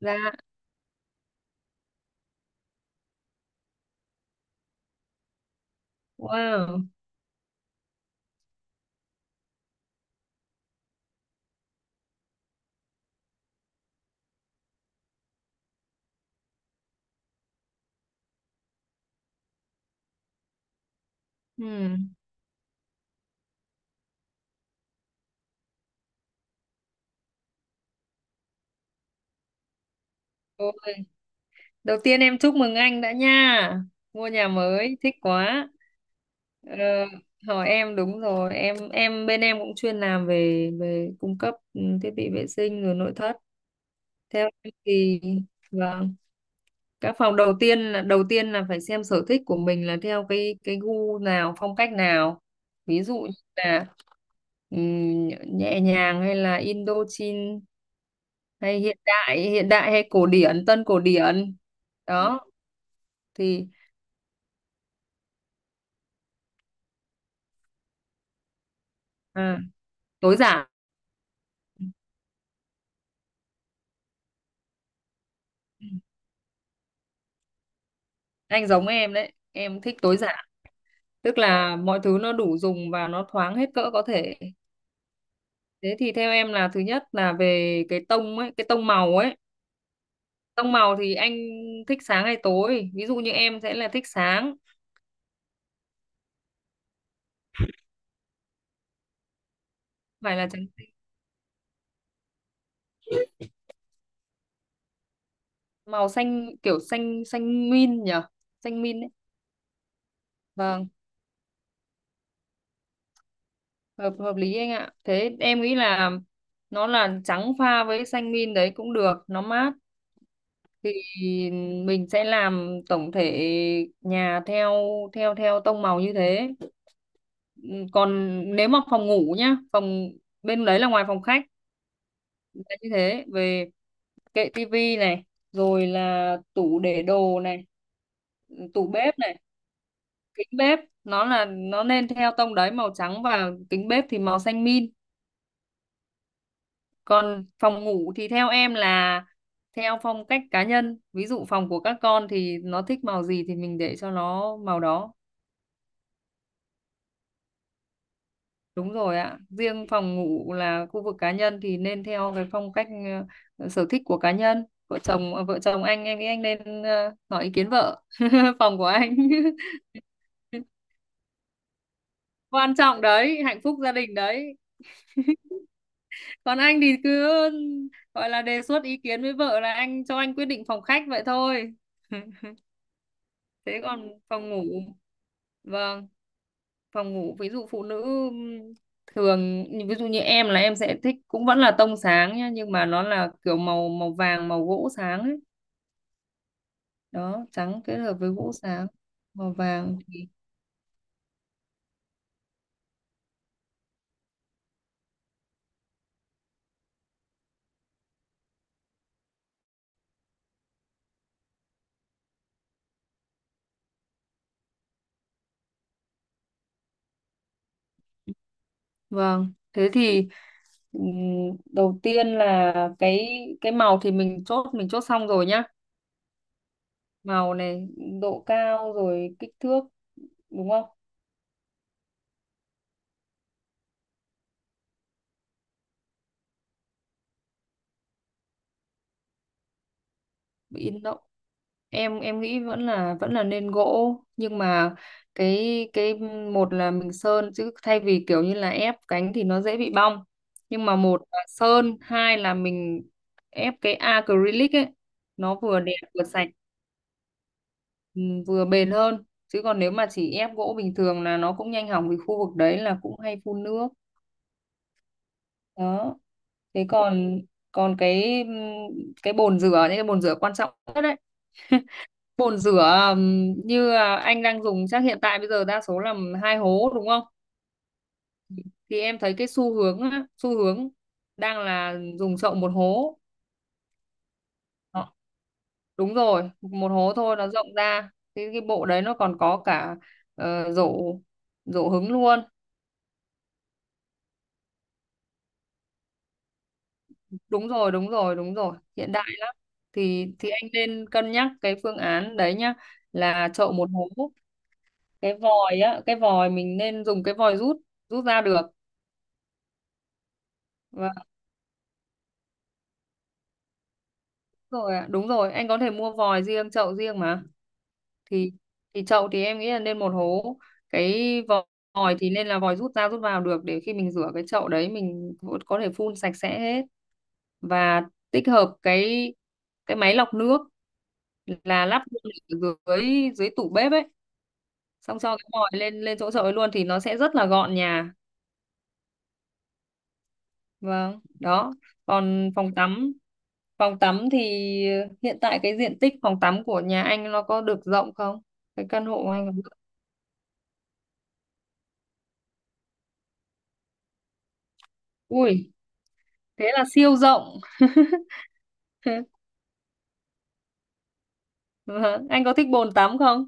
Dạ, wow. Ừm. Ồ, đầu tiên em chúc mừng anh đã nha. Mua nhà mới, thích quá. Ờ, hỏi em đúng rồi, em bên em cũng chuyên làm về về cung cấp thiết bị vệ sinh rồi nội thất. Theo em thì vâng, các phòng đầu tiên là phải xem sở thích của mình là theo cái gu nào, phong cách nào. Ví dụ như là ừm, nhẹ nhàng hay là Indochine hay hiện đại hay cổ điển tân cổ điển. Ừ, đó thì à, tối giản. Ừ, anh giống em đấy em thích tối giản, tức là mọi thứ nó đủ dùng và nó thoáng hết cỡ có thể. Thế thì theo em là thứ nhất là về cái tông ấy cái tông màu ấy. Tông màu thì anh thích sáng hay tối, ví dụ như em sẽ là thích sáng. Phải là trắng, màu xanh kiểu xanh xanh min nhỉ, xanh min ấy. Vâng, hợp hợp lý anh ạ, thế em nghĩ là nó là trắng pha với xanh min đấy cũng được, nó mát. Thì mình sẽ làm tổng thể nhà theo theo theo tông màu như thế. Ừ, còn nếu mà phòng ngủ nhá, phòng bên đấy là ngoài phòng khách là như thế, về kệ tivi này, rồi là tủ để đồ này, tủ bếp này, kính bếp, nó nên theo tông đấy màu trắng, và kính bếp thì màu xanh min. Còn phòng ngủ thì theo em là theo phong cách cá nhân, ví dụ phòng của các con thì nó thích màu gì thì mình để cho nó màu đó. Đúng rồi ạ, riêng phòng ngủ là khu vực cá nhân thì nên theo cái phong cách sở thích của cá nhân vợ chồng anh, em nghĩ anh nên hỏi ý kiến vợ phòng của anh. Quan trọng đấy, hạnh phúc gia đình đấy. Còn anh thì cứ gọi là đề xuất ý kiến với vợ là anh, cho anh quyết định phòng khách vậy thôi. Thế còn phòng ngủ, vâng, phòng ngủ ví dụ phụ nữ thường, ví dụ như em là em sẽ thích cũng vẫn là tông sáng nhá, nhưng mà nó là kiểu màu màu vàng, màu gỗ sáng ấy, đó trắng kết hợp với gỗ sáng, màu vàng thì vâng. Thế thì đầu tiên là cái màu thì mình chốt xong rồi nhá. Màu này, độ cao rồi kích thước, đúng không? in em nghĩ vẫn là nên gỗ, nhưng mà cái một là mình sơn, chứ thay vì kiểu như là ép cánh thì nó dễ bị bong, nhưng mà một là sơn, hai là mình ép cái acrylic ấy, nó vừa đẹp vừa sạch, ừ, vừa bền hơn, chứ còn nếu mà chỉ ép gỗ bình thường là nó cũng nhanh hỏng vì khu vực đấy là cũng hay phun nước đó. Thế còn còn cái cái bồn rửa, những cái bồn rửa quan trọng nhất đấy. Bồn rửa như anh đang dùng chắc hiện tại bây giờ đa số là hai hố đúng không? Thì em thấy cái xu hướng đang là dùng chậu một hố. Đó, đúng rồi, một hố thôi nó rộng ra. Cái bộ đấy nó còn có cả rổ rổ hứng luôn. Đúng rồi, đúng rồi, đúng rồi, hiện đại. Thì anh nên cân nhắc cái phương án đấy nhá, là chậu một hố. Cái vòi mình nên dùng cái vòi rút rút ra được. Rồi ạ, đúng rồi anh có thể mua vòi riêng chậu riêng mà, thì thì chậu thì em nghĩ là nên một hố, cái vò- vòi thì nên là vòi rút ra rút vào được để khi mình rửa cái chậu đấy mình cũng có thể phun sạch sẽ hết, và tích hợp cái máy lọc nước là lắp luôn ở dưới dưới tủ bếp ấy, xong cho cái vòi lên lên chỗ chậu ấy luôn thì nó sẽ rất là gọn nhà. Vâng, đó còn phòng tắm, phòng tắm thì hiện tại cái diện tích phòng tắm của nhà anh nó có được rộng không, cái căn hộ của anh có được- ui thế là siêu rộng. Vâng, anh có thích bồn tắm không?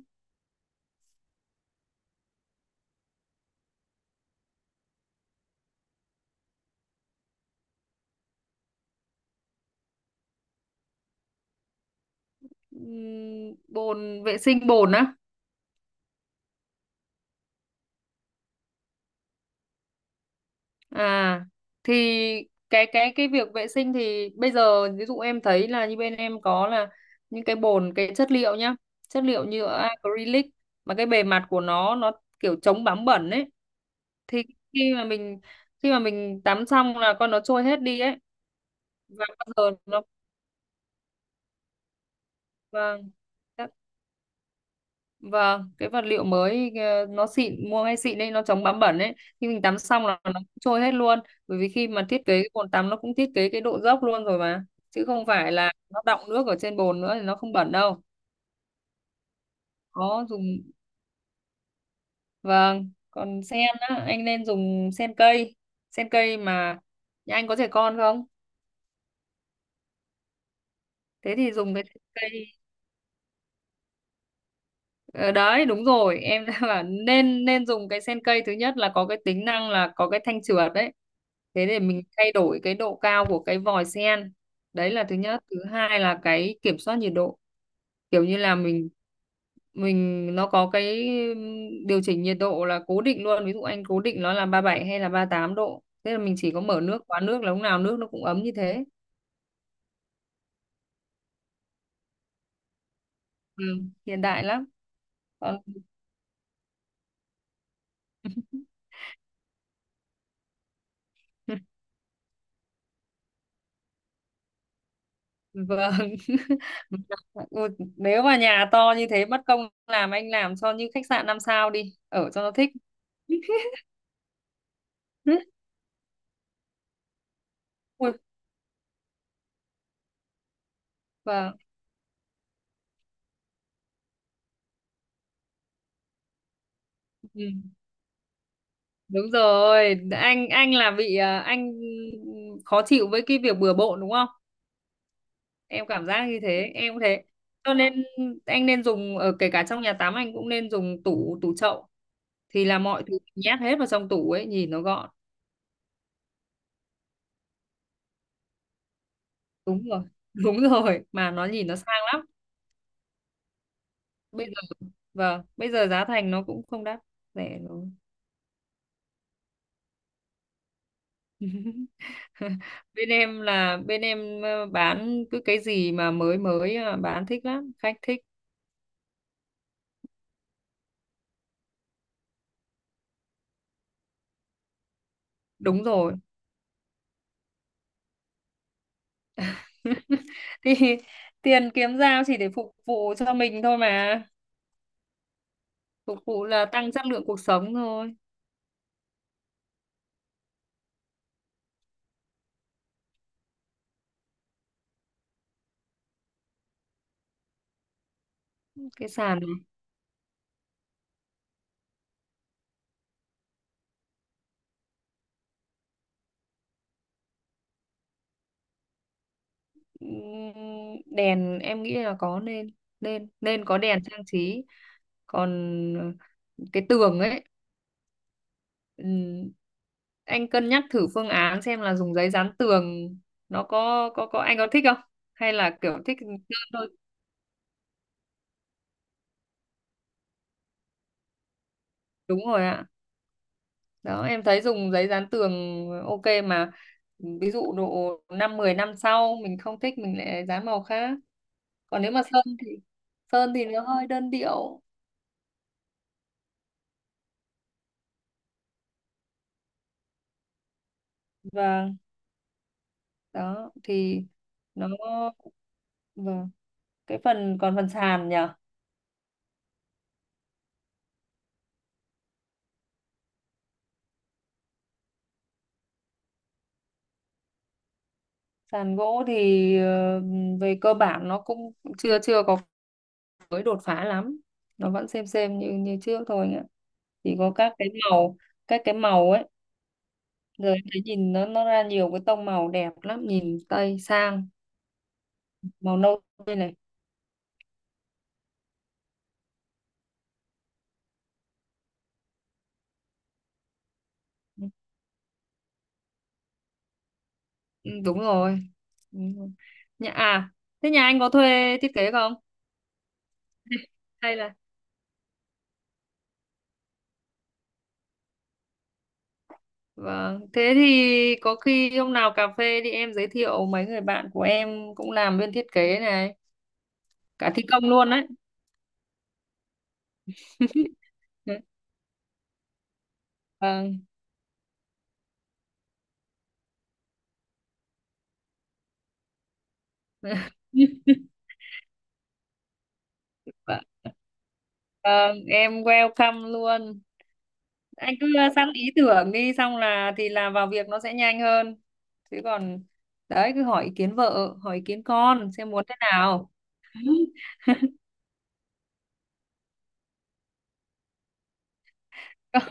Bồn vệ sinh bồn á. À thì cái việc vệ sinh thì bây giờ ví dụ em thấy là như bên em có là những cái bồn, cái chất liệu nhá, chất liệu như acrylic mà cái bề mặt của nó kiểu chống bám bẩn ấy, thì khi mà mình khi mà mình tắm xong là con nó trôi hết đi ấy, và bao giờ nó vâng, các- vâng cái vật liệu mới nó xịn mua ngay xịn đấy, nó chống bám bẩn ấy, khi mình tắm xong là nó cũng trôi hết luôn, bởi vì khi mà thiết kế cái bồn tắm nó cũng thiết kế cái độ dốc luôn rồi mà, chứ không phải là nó đọng nước ở trên bồn nữa thì nó không bẩn đâu. Có dùng vâng, còn sen á anh nên dùng sen cây, sen cây mà nhà anh có trẻ con không, thế thì dùng cái sen cây. Ờ, đấy đúng rồi em, đã bảo nên nên dùng cái sen cây, thứ nhất là có cái tính năng là có cái thanh trượt đấy, thế để mình thay đổi cái độ cao của cái vòi sen. Đấy là thứ nhất, thứ hai là cái kiểm soát nhiệt độ kiểu như là mình nó có cái điều chỉnh nhiệt độ là cố định luôn, ví dụ anh cố định nó là 37 hay là 38 độ, thế là mình chỉ có mở nước khóa nước là lúc nào nước nó cũng ấm như thế. Ừ, hiện đại lắm. còn Vâng. Ui, nếu mà nhà to như thế mất công làm anh làm cho như khách sạn 5 sao đi, ở cho nó thích. Ui, vâng. Ừ, đúng rồi, anh là bị à, anh khó chịu với cái việc bừa bộn đúng không? Em cảm giác như thế, em cũng thế. Cho nên anh nên dùng ở kể cả trong nhà tắm anh cũng nên dùng tủ tủ chậu, thì là mọi thứ nhét hết vào trong tủ ấy, nhìn nó gọn. Đúng rồi. Đúng rồi, mà nó nhìn nó sang lắm. Bây giờ vâng bây giờ giá thành nó cũng không đắt, rẻ rồi. Bên em bán cứ cái gì mà mới mới bán thích lắm khách thích. Đúng rồi. Thì tiền kiếm ra chỉ để phục vụ cho mình thôi mà, phục vụ là tăng chất lượng cuộc sống thôi. Cái sàn này, đèn em nghĩ là có nên nên nên có đèn trang trí, còn cái tường ấy, ừm, anh cân nhắc thử phương án xem là dùng giấy dán tường, nó có anh có thích không hay là kiểu thích sơn thôi. Đúng rồi ạ, đó em thấy dùng giấy dán tường ok mà, ví dụ độ 5-10 năm sau mình không thích mình lại dán màu khác, còn nếu mà sơn thì nó hơi đơn điệu và đó thì nó vâng, cái phần còn phần sàn nhỉ. Sàn gỗ thì ờ, về cơ bản nó cũng chưa chưa có mới đột phá lắm, nó vẫn xem như như trước thôi nhá, chỉ có các cái màu ấy, rồi em thấy nhìn nó ra nhiều cái tông màu đẹp lắm nhìn tây sang, màu nâu đây này. Ừ, đúng rồi. Đúng rồi. Nhà à Thế nhà anh có thuê thiết kế không? Hay là vâng, thế thì có khi hôm nào cà phê đi em giới thiệu mấy người bạn của em cũng làm bên thiết kế này, cả thi công luôn đấy. Vâng. Vâng, vâng, em welcome luôn. Anh cứ sẵn ý tưởng đi, xong thì vào việc nó sẽ nhanh hơn. Chứ còn đấy cứ hỏi ý kiến vợ, hỏi ý kiến con xem muốn thế nào.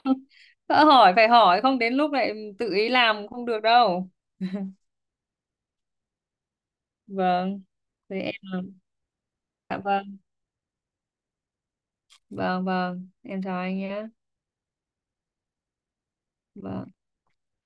Không, đã hỏi phải hỏi, không đến lúc lại tự ý làm không được đâu. Vâng. Thế em dạ vâng, vâng vâng, em chào anh nhé. Vâng.